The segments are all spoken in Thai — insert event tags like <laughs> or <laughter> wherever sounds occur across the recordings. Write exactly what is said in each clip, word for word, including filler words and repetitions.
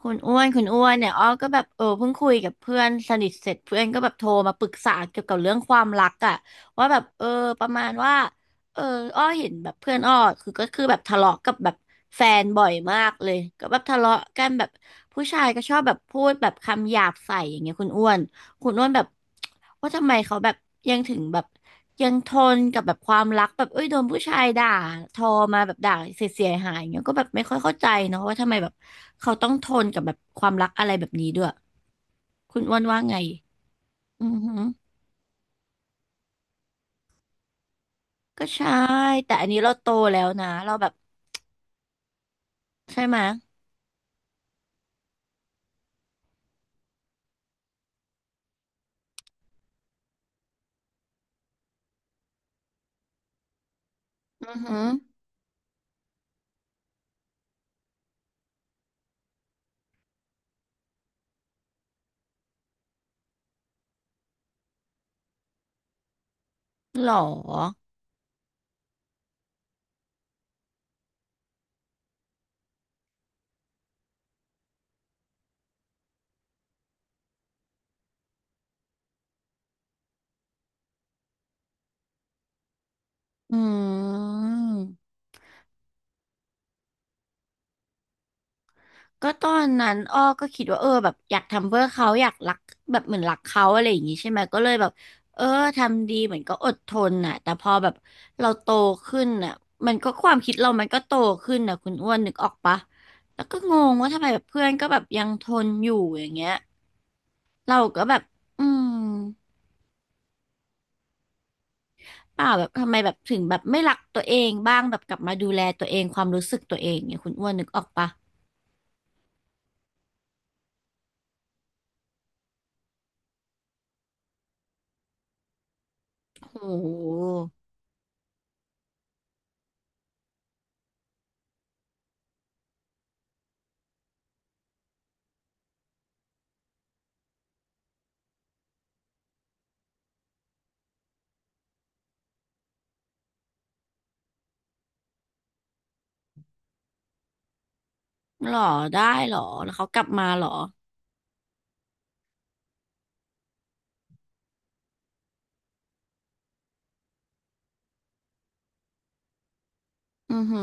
คุณอ้วนคุณอ้วนเนี่ยอ้อก็แบบเออเพิ่งคุยกับเพื่อนสนิทเสร็จเพื่อนก็แบบโทรมาปรึกษาเกี่ยวกับเรื่องความรักอะว่าแบบเออประมาณว่าเอออ้อเห็นแบบเพื่อนอ้อคือก็คือแบบทะเลาะกับแบบแฟนบ่อยมากเลยก็แบบทะเลาะกันแบบผู้ชายก็ชอบแบบพูดแบบคำหยาบใส่อย่างเงี้ยคุณอ้วน คุณโน้วนแบบว่าทำไมเขาแบบยังถึงแบบยังทนกับแบบความรักแบบเอ้ยโดนผู้ชายด่าทอมาแบบด่าเสียเสียหายๆเงี้ยก็แบบไม่ค่อยเข้าใจเนาะว่าทำไมแบบเขาต้องทนกับแบบความรักอะไรแบบนี้ด้วยคุณอ้วนว่าไงอือหือก็ใช่แต่อันนี้เราโตแล้วนะเราแบบใช่ไหมยอือหือหรออืม ก็ตอนนั้นอ้อก็คิดว่าเออแบบอยากทำเพื่อเขาอยากรักแบบเหมือนรักเขาอะไรอย่างงี้ใช่ไหมก็เลยแบบเออทำดีเหมือนก็อดทนน่ะแต่พอแบบเราโตขึ้นน่ะมันก็ความคิดเรามันก็โตขึ้นน่ะคุณอ้วนนึกออกปะแล้วก็งงว่าทำไมแบบเพื่อนก็แบบยังทนอยู่อย่างเงี้ยเราก็แบบอืมเปล่าแบบทำไมแบบถึงแบบไม่รักตัวเองบ้างแบบกลับมาดูแลตัวเองความรู้สึกตัวเองเนี่ยคุณอ้วนนึกออกปะโหหรอได้หรอแล้วเขากลับมาหรอ อือฮึ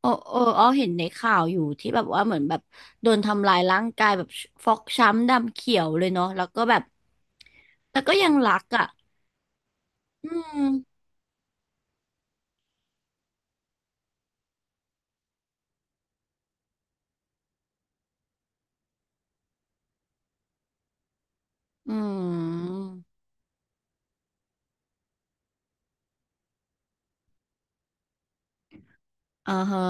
โอ้โอ้อ้อเห็นในข่าวอยู่ที่แบบว่าเหมือนแบบโดนทำลายร่างกายแบบฟกช้ำดำเขียวเลยเนาะแล้วก็แบบแต่ก็ยังรักอ่ะอืมอืมอ่าฮะ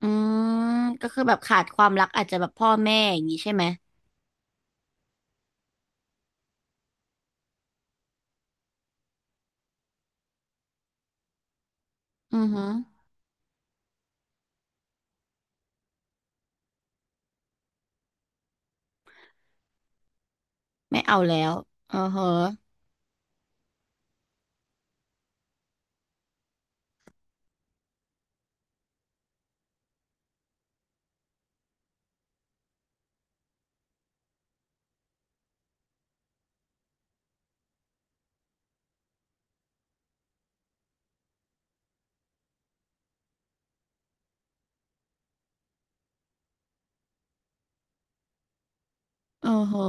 อืมก็คือแบบขาดความรักอาจจะแบบพ่อแม่อย่างนี้ใช่ไหมอือฮึไม่เอาแล้วอ่าฮะอ่าฮะ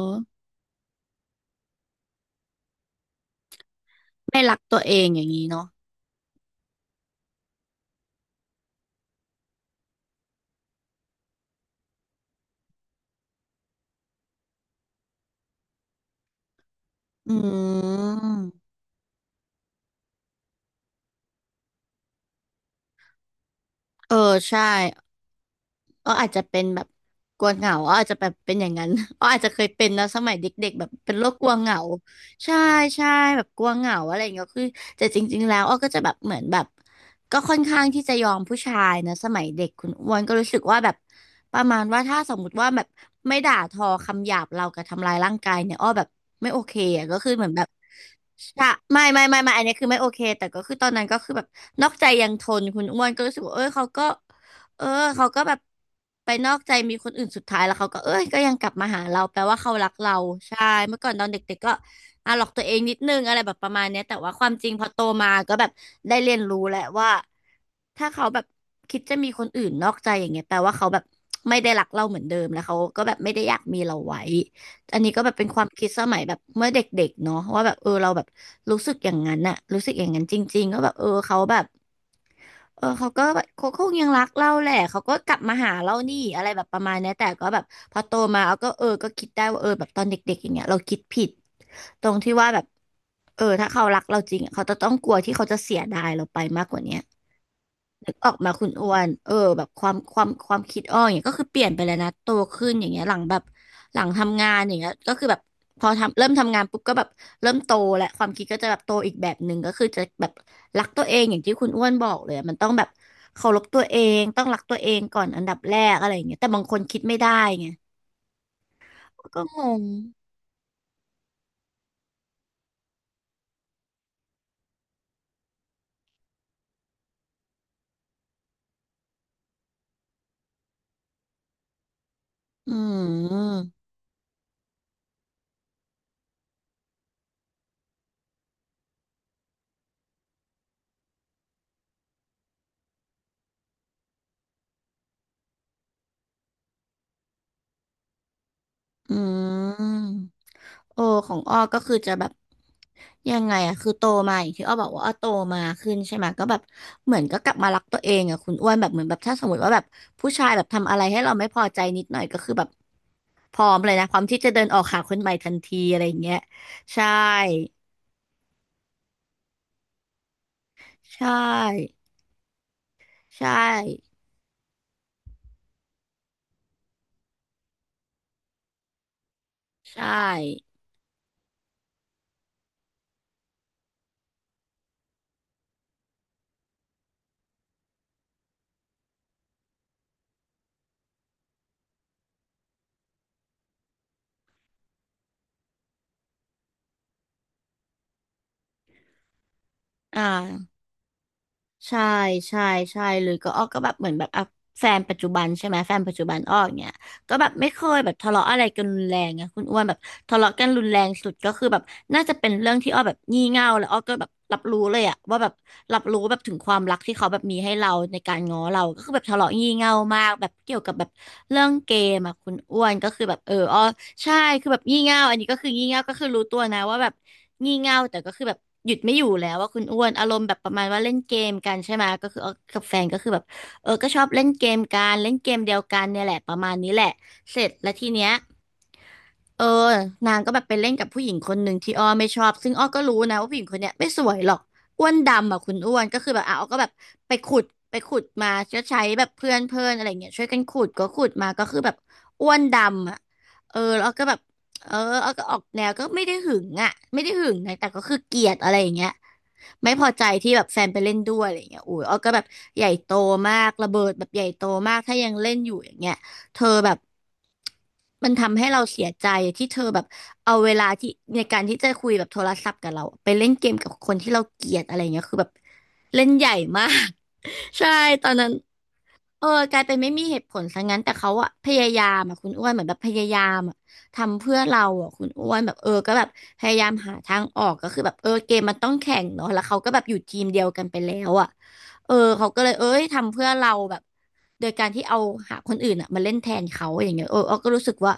ไม่รักตัวเองอย่างนี้เนาะอืมเออใช่ อ้ออาจจะเป็นแบบกลัวเหงาอ้ออาจจะแบบเป็นอย่างนั้น <laughs> อ้ออาจจะเคยเป็นนะสมัยเด็กๆแบบเป็นโรคกลัวเหงาใช่ใช่แบบกลัวเหงาอะไรอย่างเงี้ยคือแต่จริงๆแล้วอ้อก็จะแบบเหมือนแบบก็ค่อนข้างที่จะยอมผู้ชายนะสมัยเด็กคุณอ้วนก็รู้สึกว่าแบบประมาณว่าถ้าสมมติว่าแบบไม่ด่าทอคำหยาบเรากับทำร้ายร่างกายเนี่ยอ้อแบบไม่โอเคอะก็คือเหมือนแบบใช่ไม่ไม่ไม่ไม่อันนี้คือไม่โอเคแต่ก็คือตอนนั้นก็คือแบบนอกใจยังทนคุณอ้วนก็รู้สึกว่าเออเขาก็ เออเขาก็แบบไปนอกใจมีคนอื่นสุดท้ายแล้วเขาก็เอ้ยก็ยังกลับมาหาเราแปลว่าเขารักเราใช่เมื่อก่อนตอนเด็กๆก็อ่ะหลอกตัวเองนิดนึงอะไรแบบประมาณเนี้ยแต่ว่าความจริงพอโตมาก็แบบได้เรียนรู้แหละว่าถ้าเขาแบบคิดจะมีคนอื่นนอกใจอย่างเงี้ยแปลว่าเขาแบบไม่ได้รักเราเหมือนเดิมแล้วเขาก็แบบไม่ได้อยากมีเราไว้อันนี้ก็แบบเป็นความคิดสมัยแบบเมื่อเด็กๆเนาะว่าแบบเออเราแบบรู้สึกอย่างนั้นน่ะรู้สึกอย่างนั้นจริงๆก็แบบเออเขาแบบ เออเขาก็แบบเขาคงยังรักเราแหละเขาก็กลับมาหาเรานี่อะไรแบบประมาณเนี้ยแต่ก็แบบพอโตมาเอาก็เออก็คิดได้ว่าเออแบบตอนเด็กๆอย่างเงี้ยเราคิดผิดตรงที่ว่าแบบเออถ้าเขารักเราจริงอะเขาจะต้องกลัวที่เขาจะเสียดายเราไปมากกว่าเนี้ย นึกออกมาคุณอ้วนเออแบบความความความคิดอ้ออย่างเงี้ยก็คือเปลี่ยนไปแล้วนะโตขึ้นอย่างเงี้ยหลังแบบหลังทำงานอย่างเงี้ยก็คือแบบพอทำเริ่มทำงานปุ๊บก็แบบเริ่มโตแลวความคิดก็จะแบบโตอีกแบบหนึ่งก็คือจะแบบรักตัวเองอย่างที่คุณอ้วนบอกเลยอะมันต้องแบบเคารพตัวเองต้องรักตัวเองก่อนอันดับแรกอะไรอย่างเงี้ยแต่บางคนคิดไม่ได้ไงก็งงอืม อืมโอของอ้อก็คือจะแบบยังไงอะคือโตมาอย่างที่อ้อบอกว่าอ้อโตมาขึ้นใช่ไหมก็แบบเหมือนก็กลับมารักตัวเองอะคุณอ้วนแบบเหมือนแบบถ้าสมมติว่าแบบผู้ชายแบบทำอะไรให้เราไม่พอใจนิดหน่อยก็คือแบบพร้อมเลยนะพร้อมที่จะเดินออกหาคนใหม่ทันทีอะไรอย่างเงี้ยใช่ใช่ใช่ใช่อ่าใช่ใช่ใช่เลยก็อ้อก็แบบเหมือนแบบอ่ะแฟนปัจจุบันใช่ไหมแฟนปัจจุบันอ้ออย่างเงี้ย ก็แบบไม่เคยแบบทะเลาะอะไรกันรุนแรงอะคุณอ้วนแบบทะเลาะกันรุนแรงสุดก็คือแบบน่าจะเป็นเรื่องที่อ้อแบบงี่เง่าแล้วอ้อก็แบบรับรู้เลยอะว่าแบบรับรู้แบบถึงความรักที่เขาแบบมีให้เราในการง้อเราก็คือแบบทะเลาะงี่เง่ามากแบบเกี่ยวกับแบบเรื่องเกมอะคุณอ้วนก็คือแบบเอออ้อใช่คือแบบงี่เง่าอันนี้ก็คืองี่เง่าก็คือรู้ตัวนะว่าแบบงี่เง่าแต่ก็คือแบบหยุดไม่อยู่แล้วว่าคุณอ้วนอารมณ์แบบประมาณว่าเล่นเกมกันใช่ไหมก็คืออ้อกับแฟนก็คือแบบเออก็ชอบเล่นเกมกันเล่นเกมเดียวกันเนี่ยแหละประมาณนี้แหละ เสร็จแล้วทีเนี้ยเออนางก็แบบไปเล่นกับผู้หญิงคนหนึ่งที่อ้อไม่ชอบซึ่งอ้อก็รู้นะว่าผู้หญิงคนเนี้ยไม่สวยหรอกอ้วนดำอ่ะคุณอ้วนก็คือแบบอ่ะอ้อก็แบบไปขุดไปขุดมาก็ใช้แบบเพื่อนเพื่อนอะไรเงี้ยช่วยกันขุดก็ขุดมาก็คือแบบอ้วนดำอ่ะเออแล้วอ้อก็แบบเอออ้อก็ออกแนวก็ไม่ได้หึงอ่ะไม่ได้หึงนะแต่ก็คือเกลียดอะไรอย่างเงี้ยไม่พอใจที่แบบแฟนไปเล่นด้วยอะไรอย่างเงี้ยอุ้ยอ้อก็แบบใหญ่โตมากระเบิดแบบใหญ่โตมากถ้ายังเล่นอยู่อย่างเงี้ยเธอแบบ มันทำให้เราเสียใจที่เธอแบบเอาเวลาที่ในการที่จะคุยแบบโทรศัพท์กับเราไปเล่นเกมกับคนที่เราเกลียดอะไรเงี้ยคือแบบเล่นใหญ่มาก <laughs> ใช่ตอนนั้นเออกลายเป็นไม่มีเหตุผลซะงั้นแต่เขาอะพยายามอะคุณอ้วนเหมือนแบบพยายามอะทำเพื่อเราอะคุณอ้วนแบบเออก็แบบพยายามหาทางออกก็คือแบบเออเกมมันต้องแข่งเนาะแล้วเขาก็แบบอยู่ทีมเดียวกันไปแล้วอะ เออเขาก็เลยเอ้ยทำเพื่อเราแบบโดยการที่เอาหาคนอื่นอ่ะมาเล่นแทนเขาอย่างเงี้ยเออเอาก็รู้สึกว่า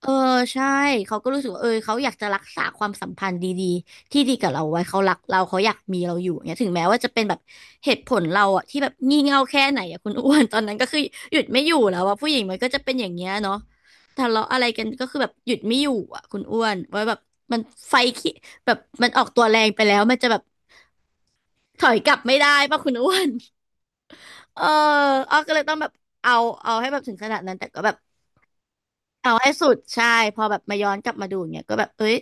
เออใช่เขาก็รู้สึกว่าเออเขาอยากจะรักษาความสัมพันธ์ดีๆที่ดีกับเราไว้เขารักเราเขาอยากมีเราอยู่อย่างเงี้ยถึงแม้ว่าจะเป็นแบบเหตุผลเราอ่ะที่แบบงี่เง่าแค่ไหนอ่ะคุณอ้วนตอนนั้นก็คือหยุดไม่อยู่แล้วว่าผู้หญิงมันก็จะเป็นอย่างเงี้ยเนาะทะเลาะอะไรกันก็คือแบบหยุดไม่อยู่อ่ะคุณอ้วนว่าแบบมันไฟขี้แบบมันออกตัวแรงไปแล้วมันจะแบบถอยกลับไม่ได้ป่ะคุณอ้วน เอออ้อก็เลยต้องแบบเอาเอาให้แบบถึงขนาดนั้นแต่ก็แบบเอาให้สุดใช่พอแบบมาย้อนกลับมาดูเนี่ยก็แบบเอ้ย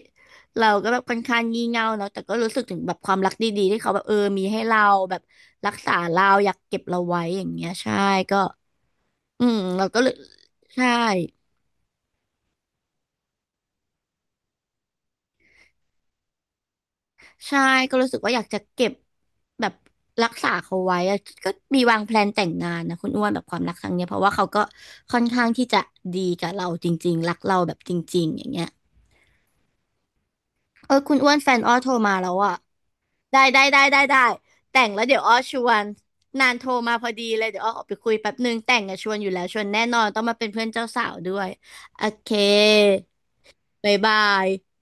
เราก็แบบค่อนข้างงี่เง่าเนาะแต่ก็รู้สึกถึงแบบความรักดีๆ ที่เขาแบบเออมีให้เราแบบรักษาเราอยากเก็บเราไว้อย่างเงี้ยใช่ก็อืมเราก็เลยใช่ ใช่ ก็รู้สึกว่าอยากจะเก็บแบบรักษาเขาไว้อะก็มีวางแพลนแต่งงานนะคุณอ้วนแบบความรักครั้งเนี้ยเพราะว่าเขาก็ค่อนข้างที่จะดีกับเราจริงๆรักเราแบบจริงๆอย่างเงี้ย เออคุณอ้วนแฟนอ้อโทรมาแล้วอ่ะได้ได้ได้ได้ได้แต่งแล้วเดี๋ยวอ้อชวนนานโทรมาพอดีเลยเดี๋ยวอ้อออกไปคุยแป๊บนึงแต่งอะชวนอยู่แล้วชวนแน่นอนต้องมาเป็นเพื่อนเจ้าสาวด้วยโอเคบ๊ายบาย